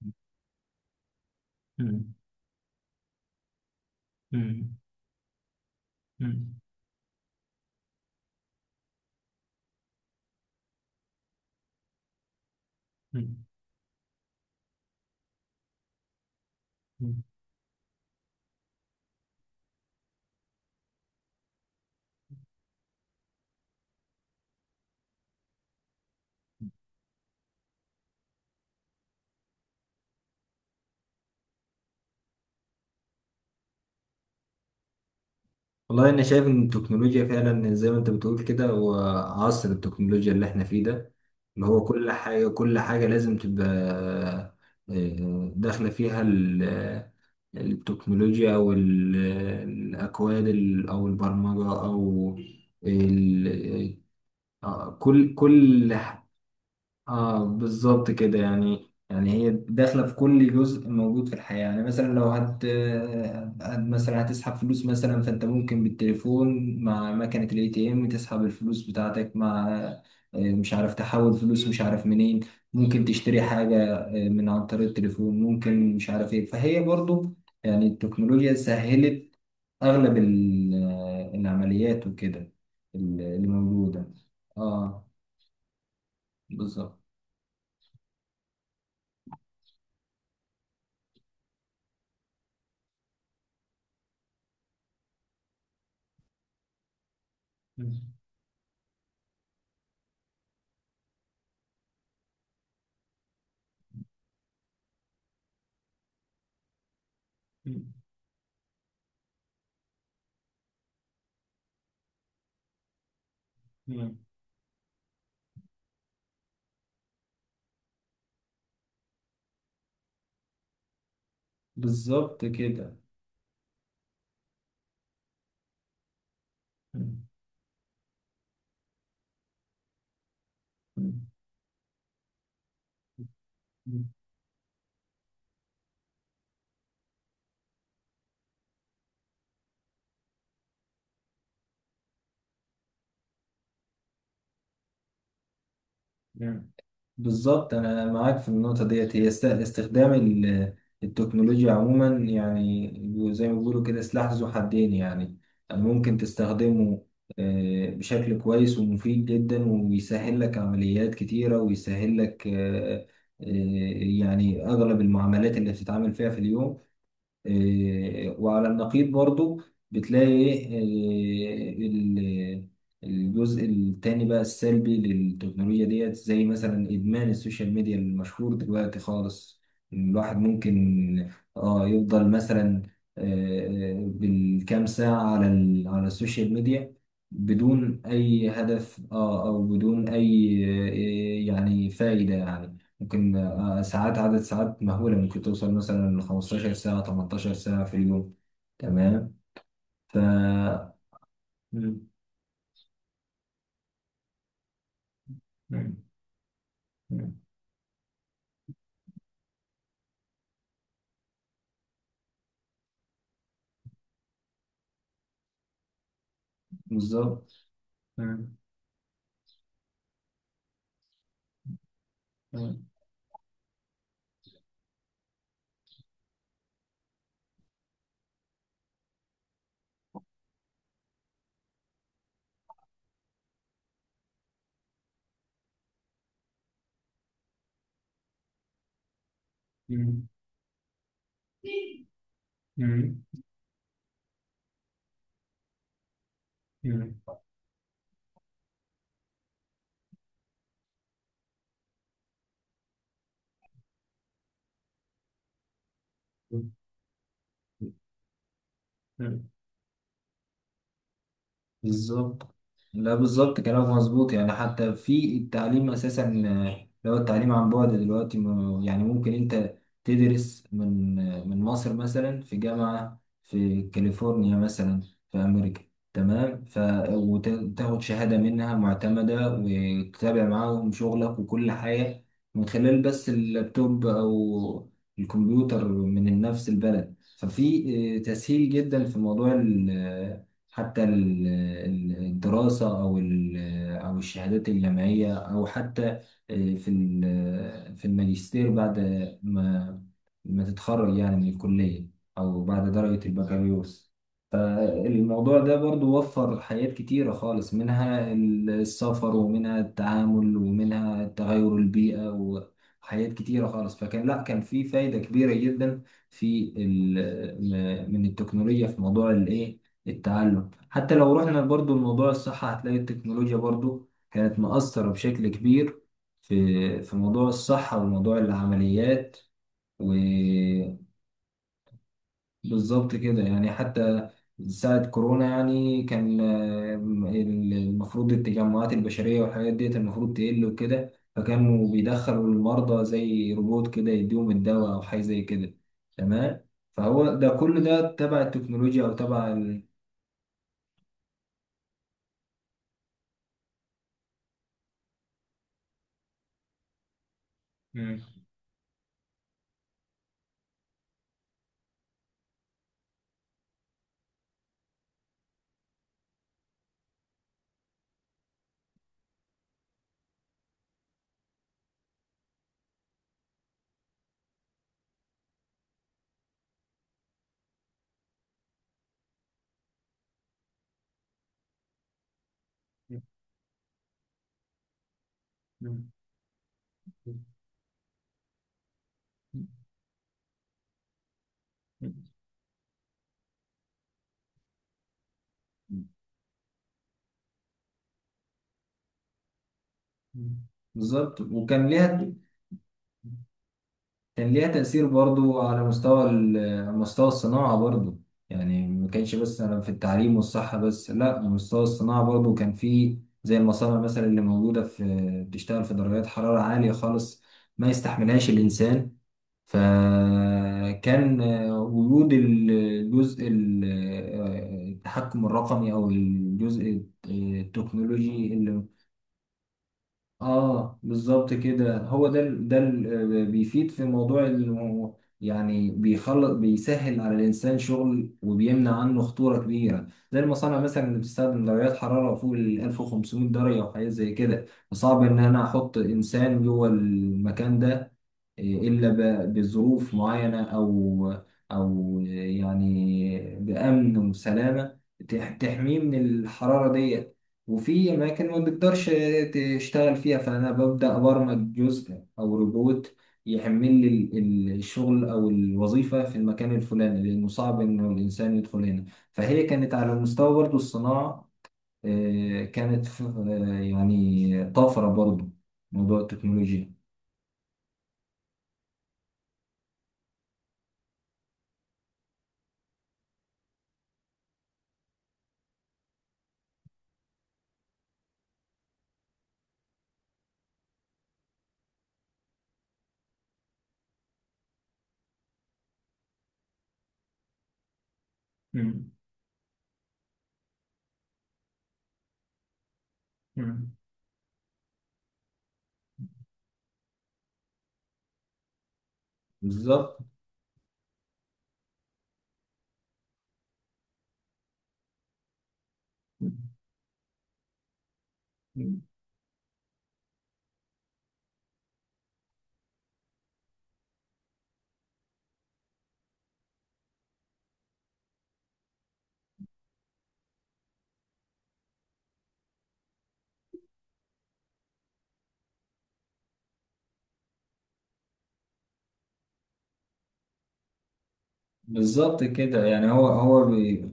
مم. مم. مم. مم. مم. والله انا شايف ان التكنولوجيا فعلا زي ما انت بتقول كده، هو عصر التكنولوجيا اللي احنا فيه ده، اللي هو كل حاجة كل حاجة لازم تبقى داخلة فيها التكنولوجيا، او الاكواد، او البرمجة، او ال- كل. اه، بالظبط كده. يعني هي داخله في كل جزء موجود في الحياه. يعني مثلا لو مثلا هتسحب فلوس، مثلا، فانت ممكن بالتليفون مع مكنه الاي تي ام تسحب الفلوس بتاعتك، مع مش عارف، تحول فلوس مش عارف منين، ممكن تشتري حاجه من عن طريق التليفون، ممكن مش عارف ايه. فهي برضو يعني التكنولوجيا سهلت اغلب العمليات وكده، اللي موجوده. اه بالظبط. مم. مم. بالظبط كده. مم. مم. مم. بالظبط انا معاك في النقطه ديت. هي استخدام التكنولوجيا عموما، يعني زي ما بيقولوا كده سلاح ذو حدين. يعني ممكن تستخدمه بشكل كويس ومفيد جدا، ويسهل لك عمليات كتيره، ويسهل لك آه، يعني اغلب المعاملات اللي بتتعامل فيها في اليوم. إيه، وعلى النقيض برضو بتلاقي إيه، الجزء التاني بقى السلبي للتكنولوجيا ديت، زي مثلا إدمان السوشيال ميديا المشهور دلوقتي خالص. الواحد ممكن، اه، يفضل مثلا بالكام ساعة على على السوشيال ميديا، بدون أي هدف، اه، أو بدون أي يعني فائدة. يعني ممكن ساعات، عدد ساعات مهولة، ممكن توصل مثلا ل 15 ساعة، 18 ساعة في اليوم. تمام. مم. مم. مم. بالظبط. مم. مم. مم. مم. مم. بالظبط. لا، بالظبط كلامك مظبوط. يعني حتى في التعليم اساسا، لو التعليم عن بعد دلوقتي، يعني ممكن انت تدرس من من مصر مثلا في جامعة في كاليفورنيا مثلا في امريكا. تمام. وتاخد شهادة منها معتمدة، وتتابع معاهم شغلك وكل حاجة من خلال بس اللابتوب او الكمبيوتر من نفس البلد. ففي تسهيل جدا في موضوع حتى الدراسة، أو أو الشهادات الجامعية، أو حتى في الماجستير بعد ما ما تتخرج يعني من الكلية أو بعد درجة البكالوريوس. الموضوع ده برضو وفر حاجات كتيرة خالص، منها السفر ومنها التعامل ومنها تغير البيئة، وحاجات كتيرة خالص. فكان، لا، كان في فايدة كبيرة جدا في من التكنولوجيا في موضوع الايه، التعلم. حتى لو رحنا برضو لموضوع الصحة، هتلاقي التكنولوجيا برضو كانت مؤثرة بشكل كبير في موضوع الصحة وموضوع العمليات. بالظبط كده. يعني حتى ساعة كورونا، يعني، كان المفروض التجمعات البشرية والحاجات ديت المفروض تقل وكده، فكانوا بيدخلوا المرضى زي روبوت كده يديهم الدواء أو حاجة زي كده. تمام. فهو ده كل ده تبع التكنولوجيا أو تبع مم. مم. مم. مم. بالظبط. وكان ليها كان ليها تأثير برضو على مستوى مستوى الصناعة برضو. يعني ما كانش بس أنا في التعليم والصحة بس، لا، مستوى الصناعة برضو كان فيه، زي المصانع مثلا اللي موجودة في، بتشتغل في درجات حرارة عالية خالص ما يستحملهاش الإنسان. فكان وجود الجزء التحكم الرقمي، أو الجزء آه، التكنولوجي. اه بالظبط كده. هو ده بيفيد في موضوع يعني بيخلص بيسهل على الانسان شغل، وبيمنع عنه خطوره كبيره، زي المصانع مثلا اللي بتستخدم درجات حراره فوق ال 1500 درجه وحاجات زي كده. فصعب ان انا احط انسان جوه المكان ده، إيه، الا بظروف معينه، او يعني بامن وسلامه تحميه من الحراره دي، وفي أماكن ما بتقدرش تشتغل فيها. فأنا ببدأ أبرمج جزء أو روبوت يحمل لي الشغل أو الوظيفة في المكان الفلاني، لأنه صعب إنه الإنسان يدخل هنا. فهي كانت على مستوى برضه الصناعة، كانت يعني طفرة برضه موضوع التكنولوجيا. مم. مم. بالظبط. بالظبط كده. يعني هو هو بي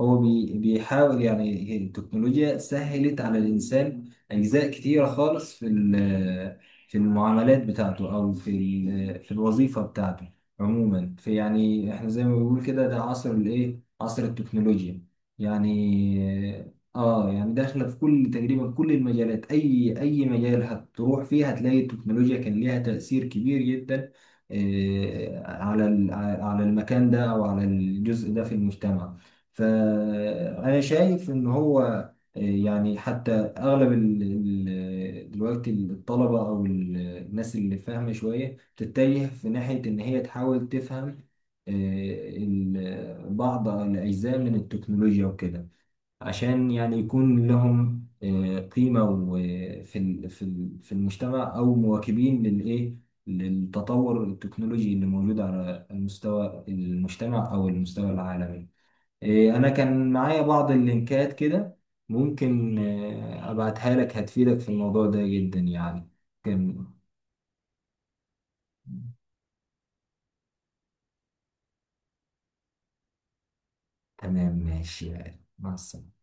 هو بي بيحاول، يعني التكنولوجيا سهلت على الإنسان أجزاء كتيرة خالص في في المعاملات بتاعته، أو في في الوظيفة بتاعته. عموما في، يعني، إحنا زي ما بنقول كده، ده عصر الإيه، عصر التكنولوجيا. يعني يعني داخلة في كل، تقريبا كل المجالات، أي مجال هتروح فيه هتلاقي التكنولوجيا كان ليها تأثير كبير جدا آه، على ال- على المكان ده او على الجزء ده في المجتمع. فانا شايف ان هو، يعني حتى اغلب دلوقتي الطلبه او الناس اللي فاهمه شويه تتجه في ناحيه ان هي تحاول تفهم آه، بعض الاجزاء من التكنولوجيا وكده، عشان يعني يكون لهم قيمة في في المجتمع، أو مواكبين للإيه، للتطور التكنولوجي اللي موجود على المستوى المجتمع أو المستوى العالمي. أنا كان معايا بعض اللينكات كده، ممكن أبعتها لك، هتفيدك في الموضوع ده جدا يعني. كان تمام. ماشي، يعني، مع السلامة.